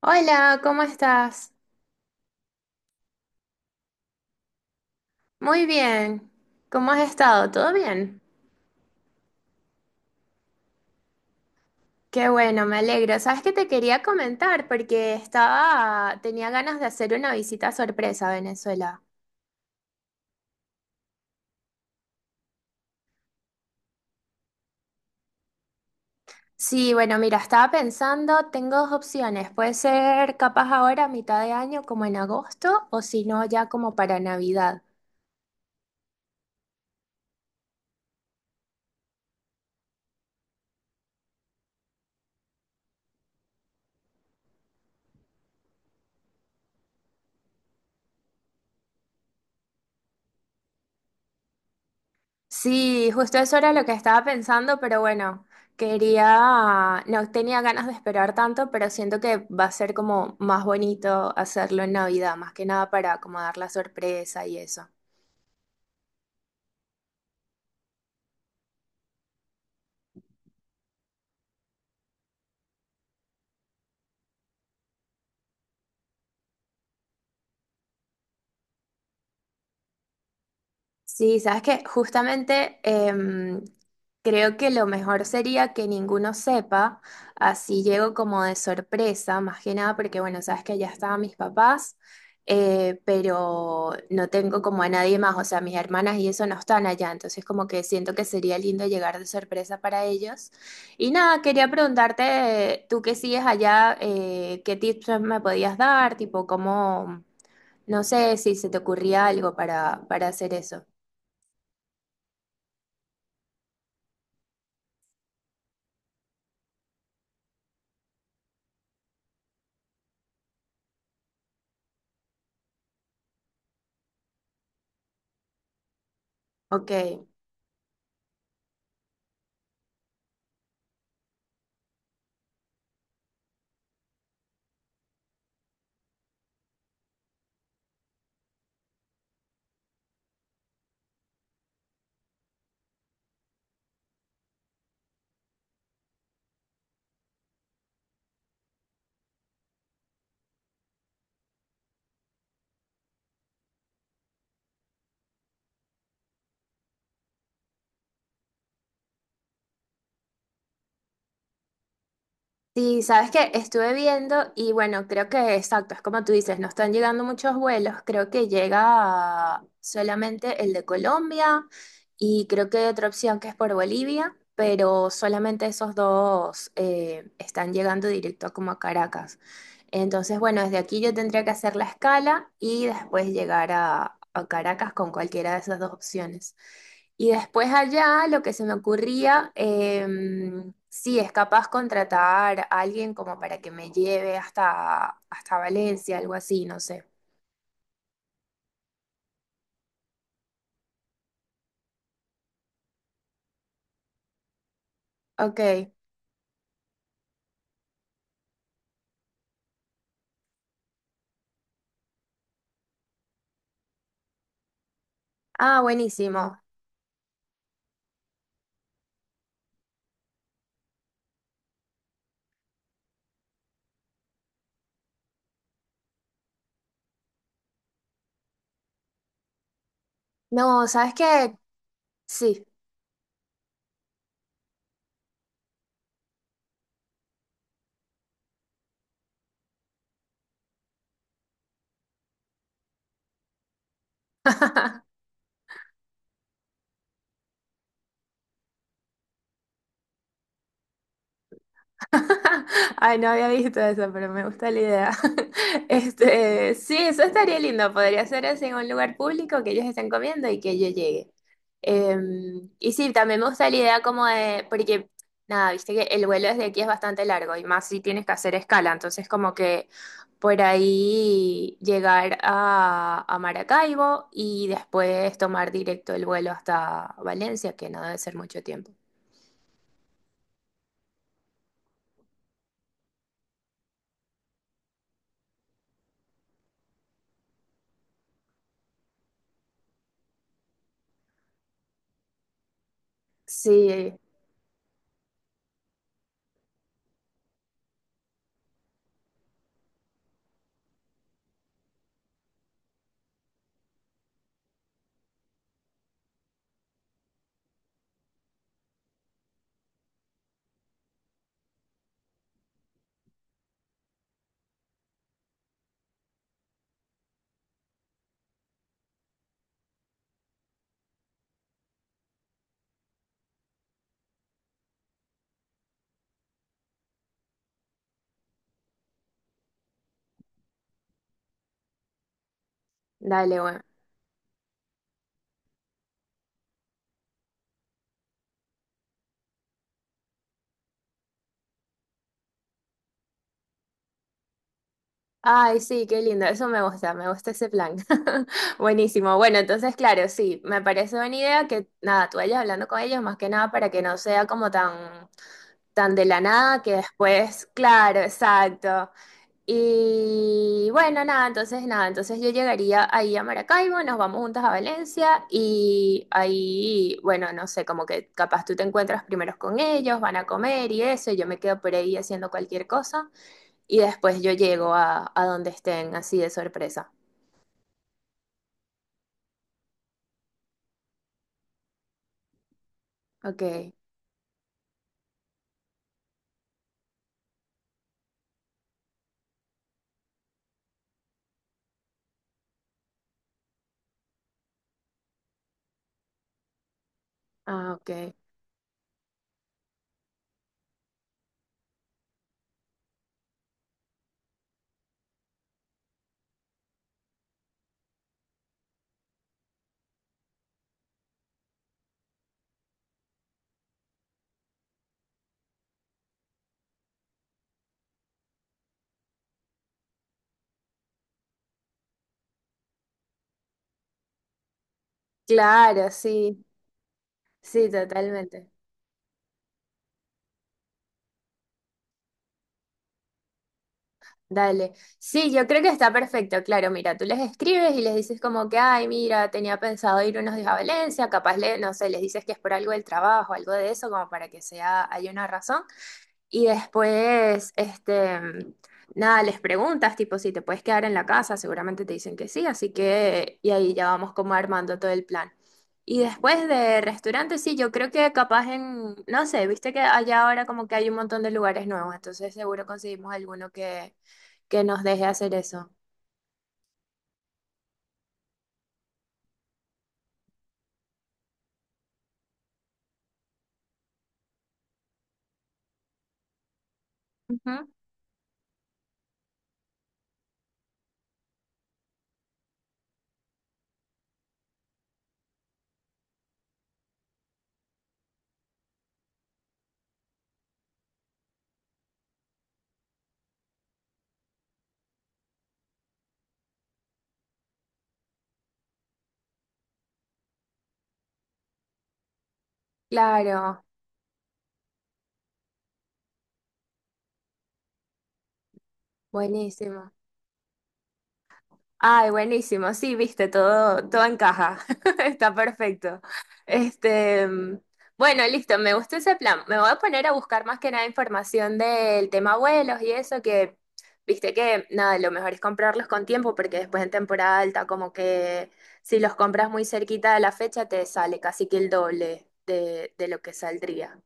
Hola, ¿cómo estás? Muy bien. ¿Cómo has estado? ¿Todo bien? Qué bueno, me alegro. ¿Sabes que te quería comentar? Porque estaba, tenía ganas de hacer una visita sorpresa a Venezuela. Sí, bueno, mira, estaba pensando, tengo dos opciones. Puede ser capaz ahora a mitad de año, como en agosto, o si no, ya como para Navidad. Sí, justo eso era lo que estaba pensando, pero bueno, quería, no tenía ganas de esperar tanto, pero siento que va a ser como más bonito hacerlo en Navidad, más que nada para como dar la sorpresa y eso. Sí, sabes que justamente creo que lo mejor sería que ninguno sepa, así llego como de sorpresa, más que nada porque bueno, sabes que allá estaban mis papás, pero no tengo como a nadie más, o sea, mis hermanas y eso no están allá, entonces como que siento que sería lindo llegar de sorpresa para ellos. Y nada, quería preguntarte, tú que sigues allá, ¿qué tips me podías dar? Tipo, cómo, no sé si se te ocurría algo para hacer eso. Ok. Sí, sabes que estuve viendo y bueno, creo que exacto, es como tú dices, no están llegando muchos vuelos, creo que llega solamente el de Colombia y creo que hay otra opción que es por Bolivia, pero solamente esos dos están llegando directo como a Caracas. Entonces, bueno, desde aquí yo tendría que hacer la escala y después llegar a Caracas con cualquiera de esas dos opciones. Y después allá lo que se me ocurría, sí, es capaz contratar a alguien como para que me lleve hasta, hasta Valencia, algo así, no sé. Ok. Ah, buenísimo. No, ¿sabes qué? Sí. Ay, no había visto eso, pero me gusta la idea. Este, sí, eso estaría lindo. Podría ser así en un lugar público que ellos estén comiendo y que yo llegue. Eh, y sí, también me gusta la idea como de, porque nada, viste que el vuelo desde aquí es bastante largo y más si tienes que hacer escala. Entonces, como que por ahí llegar a Maracaibo y después tomar directo el vuelo hasta Valencia, que no debe ser mucho tiempo. Sí, dale, bueno. Ay, sí, qué lindo, eso me gusta ese plan. Buenísimo. Bueno, entonces, claro, sí, me parece buena idea que, nada, tú vayas hablando con ellos más que nada para que no sea como tan, tan de la nada que después, claro, exacto. Y bueno, nada, entonces, nada, entonces yo llegaría ahí a Maracaibo, nos vamos juntas a Valencia y ahí, bueno, no sé, como que capaz tú te encuentras primero con ellos, van a comer y eso, y yo me quedo por ahí haciendo cualquier cosa. Y después yo llego a donde estén, así de sorpresa. Ok, ah, ok. Claro, sí, sí, totalmente. Dale. Sí, yo creo que está perfecto, claro. Mira, tú les escribes y les dices como que, ay, mira, tenía pensado ir unos días a Valencia, capaz, le, no sé, les dices que es por algo del trabajo, algo de eso, como para que sea, hay una razón. Y después, este, nada, les preguntas, tipo, si te puedes quedar en la casa, seguramente te dicen que sí, así que, y ahí ya vamos como armando todo el plan. Y después de restaurantes sí, yo creo que capaz en, no sé, viste que allá ahora como que hay un montón de lugares nuevos, entonces seguro conseguimos alguno que nos deje hacer eso. Ujú, claro, buenísimo. Ay, buenísimo. Sí, viste, todo, todo encaja. Está perfecto. Este, bueno, listo, me gustó ese plan. Me voy a poner a buscar más que nada información del tema vuelos y eso, que viste que nada, lo mejor es comprarlos con tiempo, porque después en temporada alta, como que si los compras muy cerquita de la fecha, te sale casi que el doble de lo que saldría.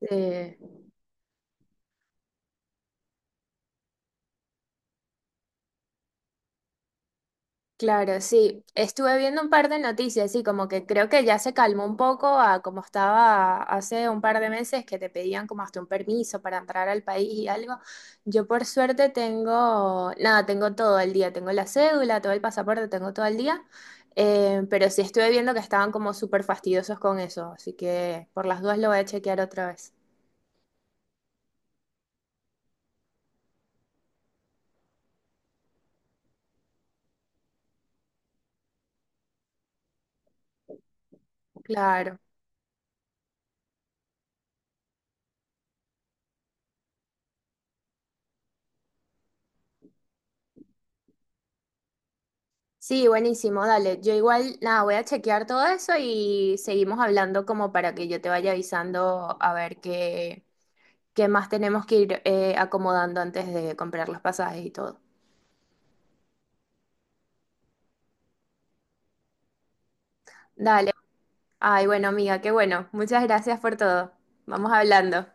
Eh, Claro, sí. Estuve viendo un par de noticias, sí, como que creo que ya se calmó un poco a como estaba hace un par de meses que te pedían como hasta un permiso para entrar al país y algo. Yo por suerte tengo, nada, tengo todo el día, tengo la cédula, todo el pasaporte, tengo todo el día, pero sí estuve viendo que estaban como súper fastidiosos con eso, así que por las dudas lo voy a chequear otra vez. Claro. Sí, buenísimo, dale. Yo igual, nada, voy a chequear todo eso y seguimos hablando como para que yo te vaya avisando a ver qué, qué más tenemos que ir acomodando antes de comprar los pasajes y todo. Dale. Ay, bueno, amiga, qué bueno. Muchas gracias por todo. Vamos hablando.